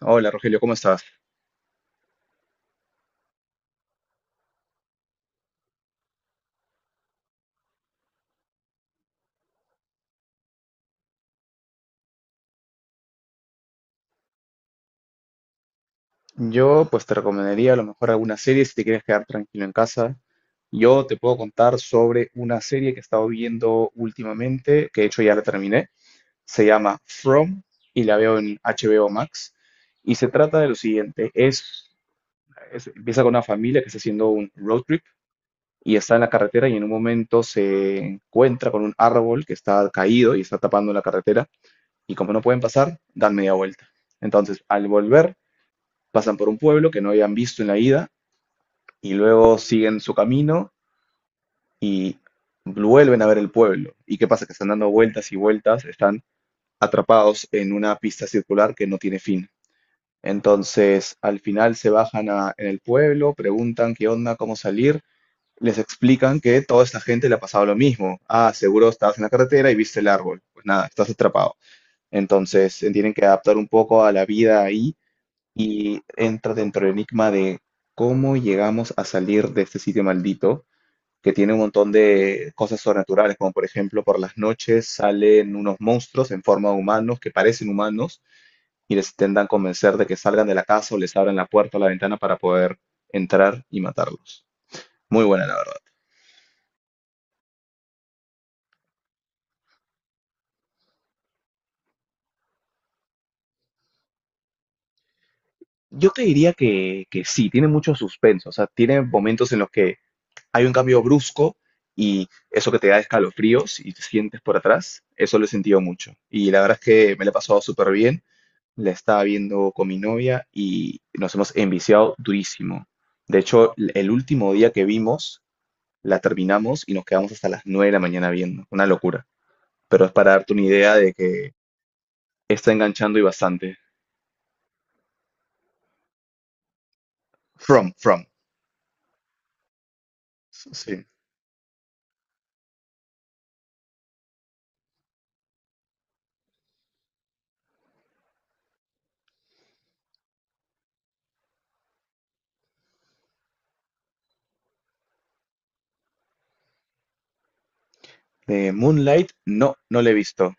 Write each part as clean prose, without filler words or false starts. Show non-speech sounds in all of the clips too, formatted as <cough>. Hola Rogelio, ¿cómo estás? Yo pues te recomendaría a lo mejor alguna serie si te quieres quedar tranquilo en casa. Yo te puedo contar sobre una serie que he estado viendo últimamente, que de hecho ya la terminé. Se llama From y la veo en HBO Max. Y se trata de lo siguiente, empieza con una familia que está haciendo un road trip y está en la carretera y en un momento se encuentra con un árbol que está caído y está tapando la carretera y como no pueden pasar, dan media vuelta. Entonces, al volver pasan por un pueblo que no habían visto en la ida y luego siguen su camino y vuelven a ver el pueblo. ¿Y qué pasa? Que están dando vueltas y vueltas, están atrapados en una pista circular que no tiene fin. Entonces, al final en el pueblo, preguntan qué onda, cómo salir, les explican que toda esta gente le ha pasado lo mismo. Ah, seguro estabas en la carretera y viste el árbol. Pues nada, estás atrapado. Entonces, se tienen que adaptar un poco a la vida ahí y entra dentro del enigma de cómo llegamos a salir de este sitio maldito, que tiene un montón de cosas sobrenaturales, como por ejemplo por las noches salen unos monstruos en forma de humanos que parecen humanos y les intentan convencer de que salgan de la casa o les abran la puerta o la ventana para poder entrar y matarlos. Muy buena, la verdad. Yo te diría que, sí, tiene mucho suspenso, o sea, tiene momentos en los que hay un cambio brusco y eso que te da escalofríos y te sientes por atrás, eso lo he sentido mucho. Y la verdad es que me la he pasado súper bien, la estaba viendo con mi novia y nos hemos enviciado durísimo. De hecho, el último día que vimos, la terminamos y nos quedamos hasta las 9 de la mañana viendo. Una locura. Pero es para darte una idea de que está enganchando y bastante. From, from. Sí. Moonlight, no, no la he visto.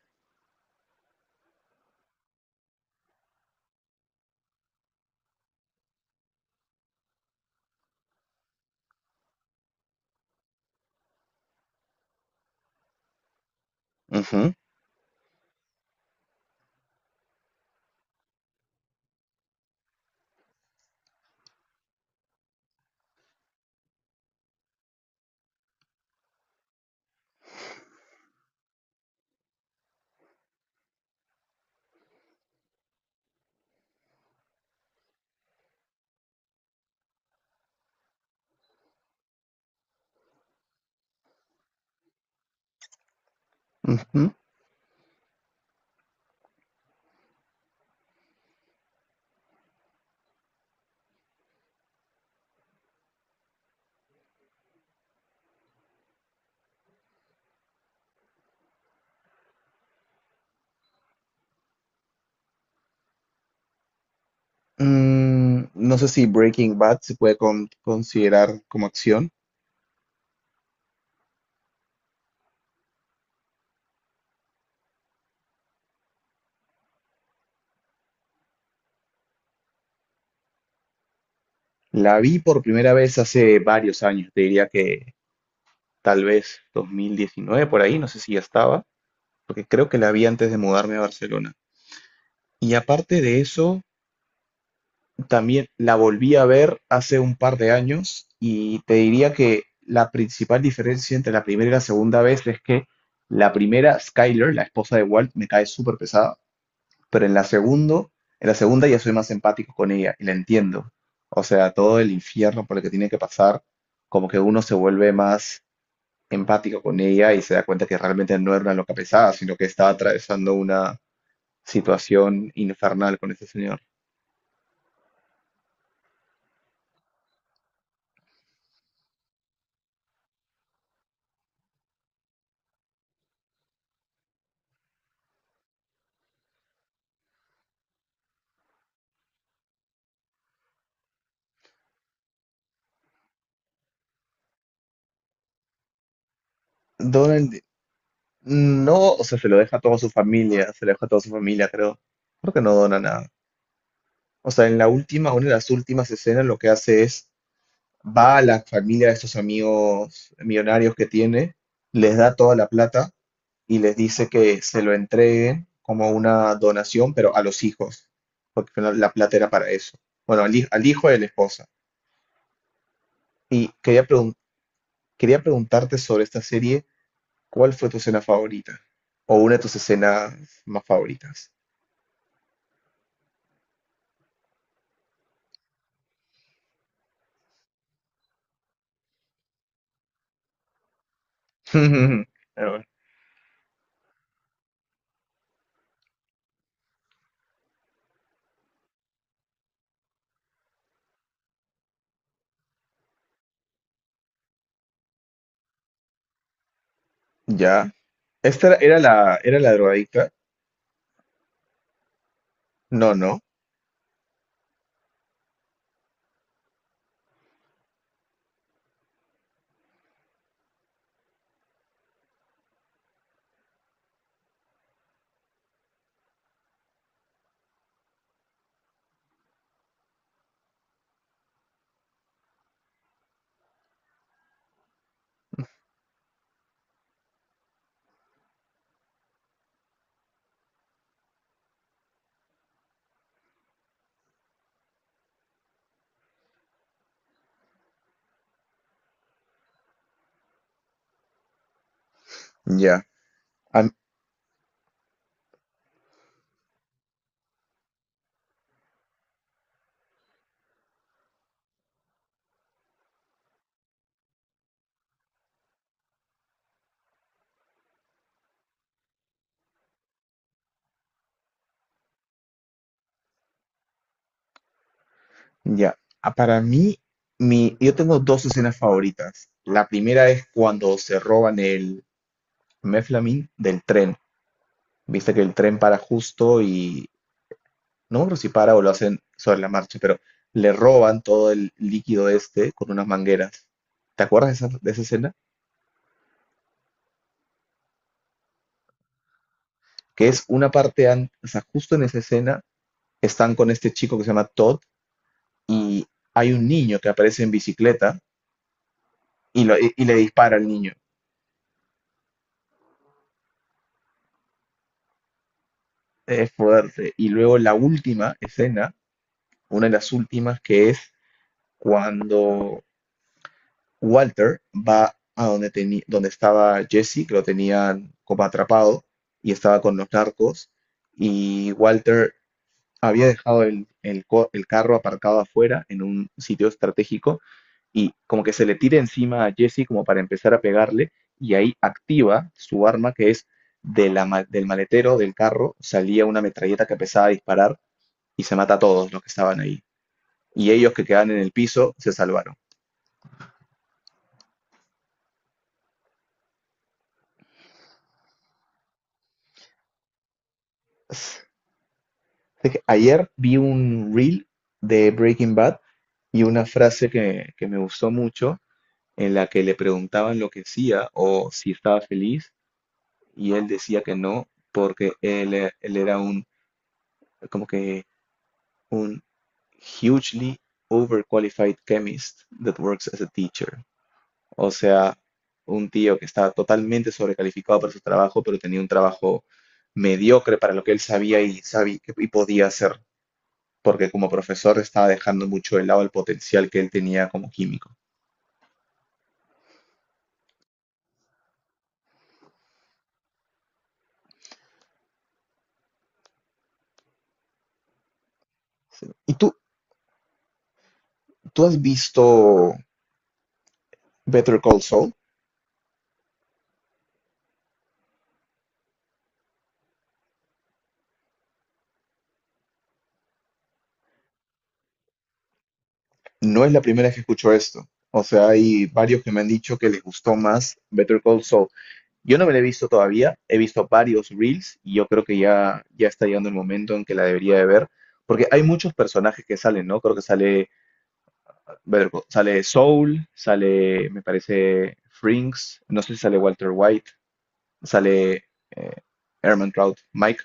Ujú, ujú. Mm, no sé si Breaking Bad se puede considerar como acción. La vi por primera vez hace varios años, te diría que tal vez 2019 por ahí, no sé si ya estaba, porque creo que la vi antes de mudarme a Barcelona. Y aparte de eso, también la volví a ver hace un par de años y te diría que la principal diferencia entre la primera y la segunda vez es que la primera, Skyler, la esposa de Walt, me cae súper pesada, pero en la segundo, en la segunda ya soy más empático con ella y la entiendo. O sea, todo el infierno por el que tiene que pasar, como que uno se vuelve más empático con ella y se da cuenta que realmente no era una loca pesada, sino que estaba atravesando una situación infernal con ese señor. Donald, no, o sea, se lo deja a toda su familia, se lo deja a toda su familia, creo. Creo que no dona nada. O sea, en la última, una de las últimas escenas, lo que hace es va a la familia de estos amigos millonarios que tiene, les da toda la plata y les dice que se lo entreguen como una donación, pero a los hijos, porque la plata era para eso. Bueno, al, al hijo de la esposa. Y quería preguntarte sobre esta serie, ¿cuál fue tu escena favorita? O una de tus escenas más favoritas. <laughs> Pero, ya. ¿Esta era la, era la drogadicta? No, no. Ya. Ya, ah, para mí, mi, yo tengo dos escenas favoritas. La primera es cuando se roban el Meflamin del tren. Viste que el tren para justo y no me acuerdo si para o lo hacen sobre la marcha, pero le roban todo el líquido este con unas mangueras. ¿Te acuerdas de esa escena? Que es una parte, o sea, justo en esa escena están con este chico que se llama Todd y hay un niño que aparece en bicicleta y, y le dispara al niño. Es fuerte. Y luego la última escena, una de las últimas, que es cuando Walter va a donde, donde estaba Jesse, que lo tenían como atrapado y estaba con los narcos. Y Walter había dejado el, el carro aparcado afuera en un sitio estratégico y como que se le tira encima a Jesse como para empezar a pegarle y ahí activa su arma que es de del maletero del carro salía una metralleta que empezaba a disparar y se mata a todos los que estaban ahí. Y ellos que quedan en el piso se salvaron. Dije, ayer vi un reel de Breaking Bad y una frase que me gustó mucho en la que le preguntaban lo que hacía o si estaba feliz y él decía que no porque él, él era un como que un hugely overqualified chemist that works as a teacher. O sea, un tío que estaba totalmente sobrecalificado para su trabajo, pero tenía un trabajo mediocre para lo que él sabía y, sabía y podía hacer, porque como profesor estaba dejando mucho de lado el potencial que él tenía como químico. ¿Y tú has visto Better Call Saul? No es la primera vez que escucho esto. O sea, hay varios que me han dicho que les gustó más Better Call Saul. Yo no me la he visto todavía, he visto varios reels y yo creo que ya, ya está llegando el momento en que la debería de ver, porque hay muchos personajes que salen, ¿no? Creo que sale, ver, sale Soul, sale, me parece, Frinks, no sé si sale Walter White, sale, eh, Trout, Mike,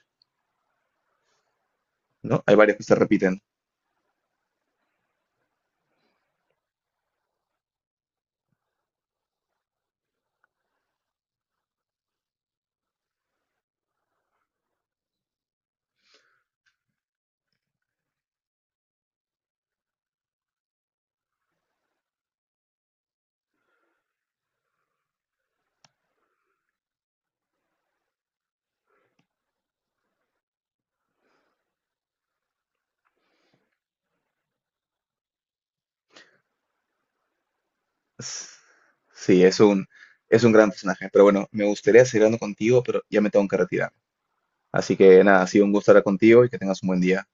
¿no? Hay varios que se repiten. S- Sí, es un gran personaje, pero bueno, me gustaría seguir hablando contigo, pero ya me tengo que retirar. Así que nada, ha sido un gusto estar contigo y que tengas un buen día.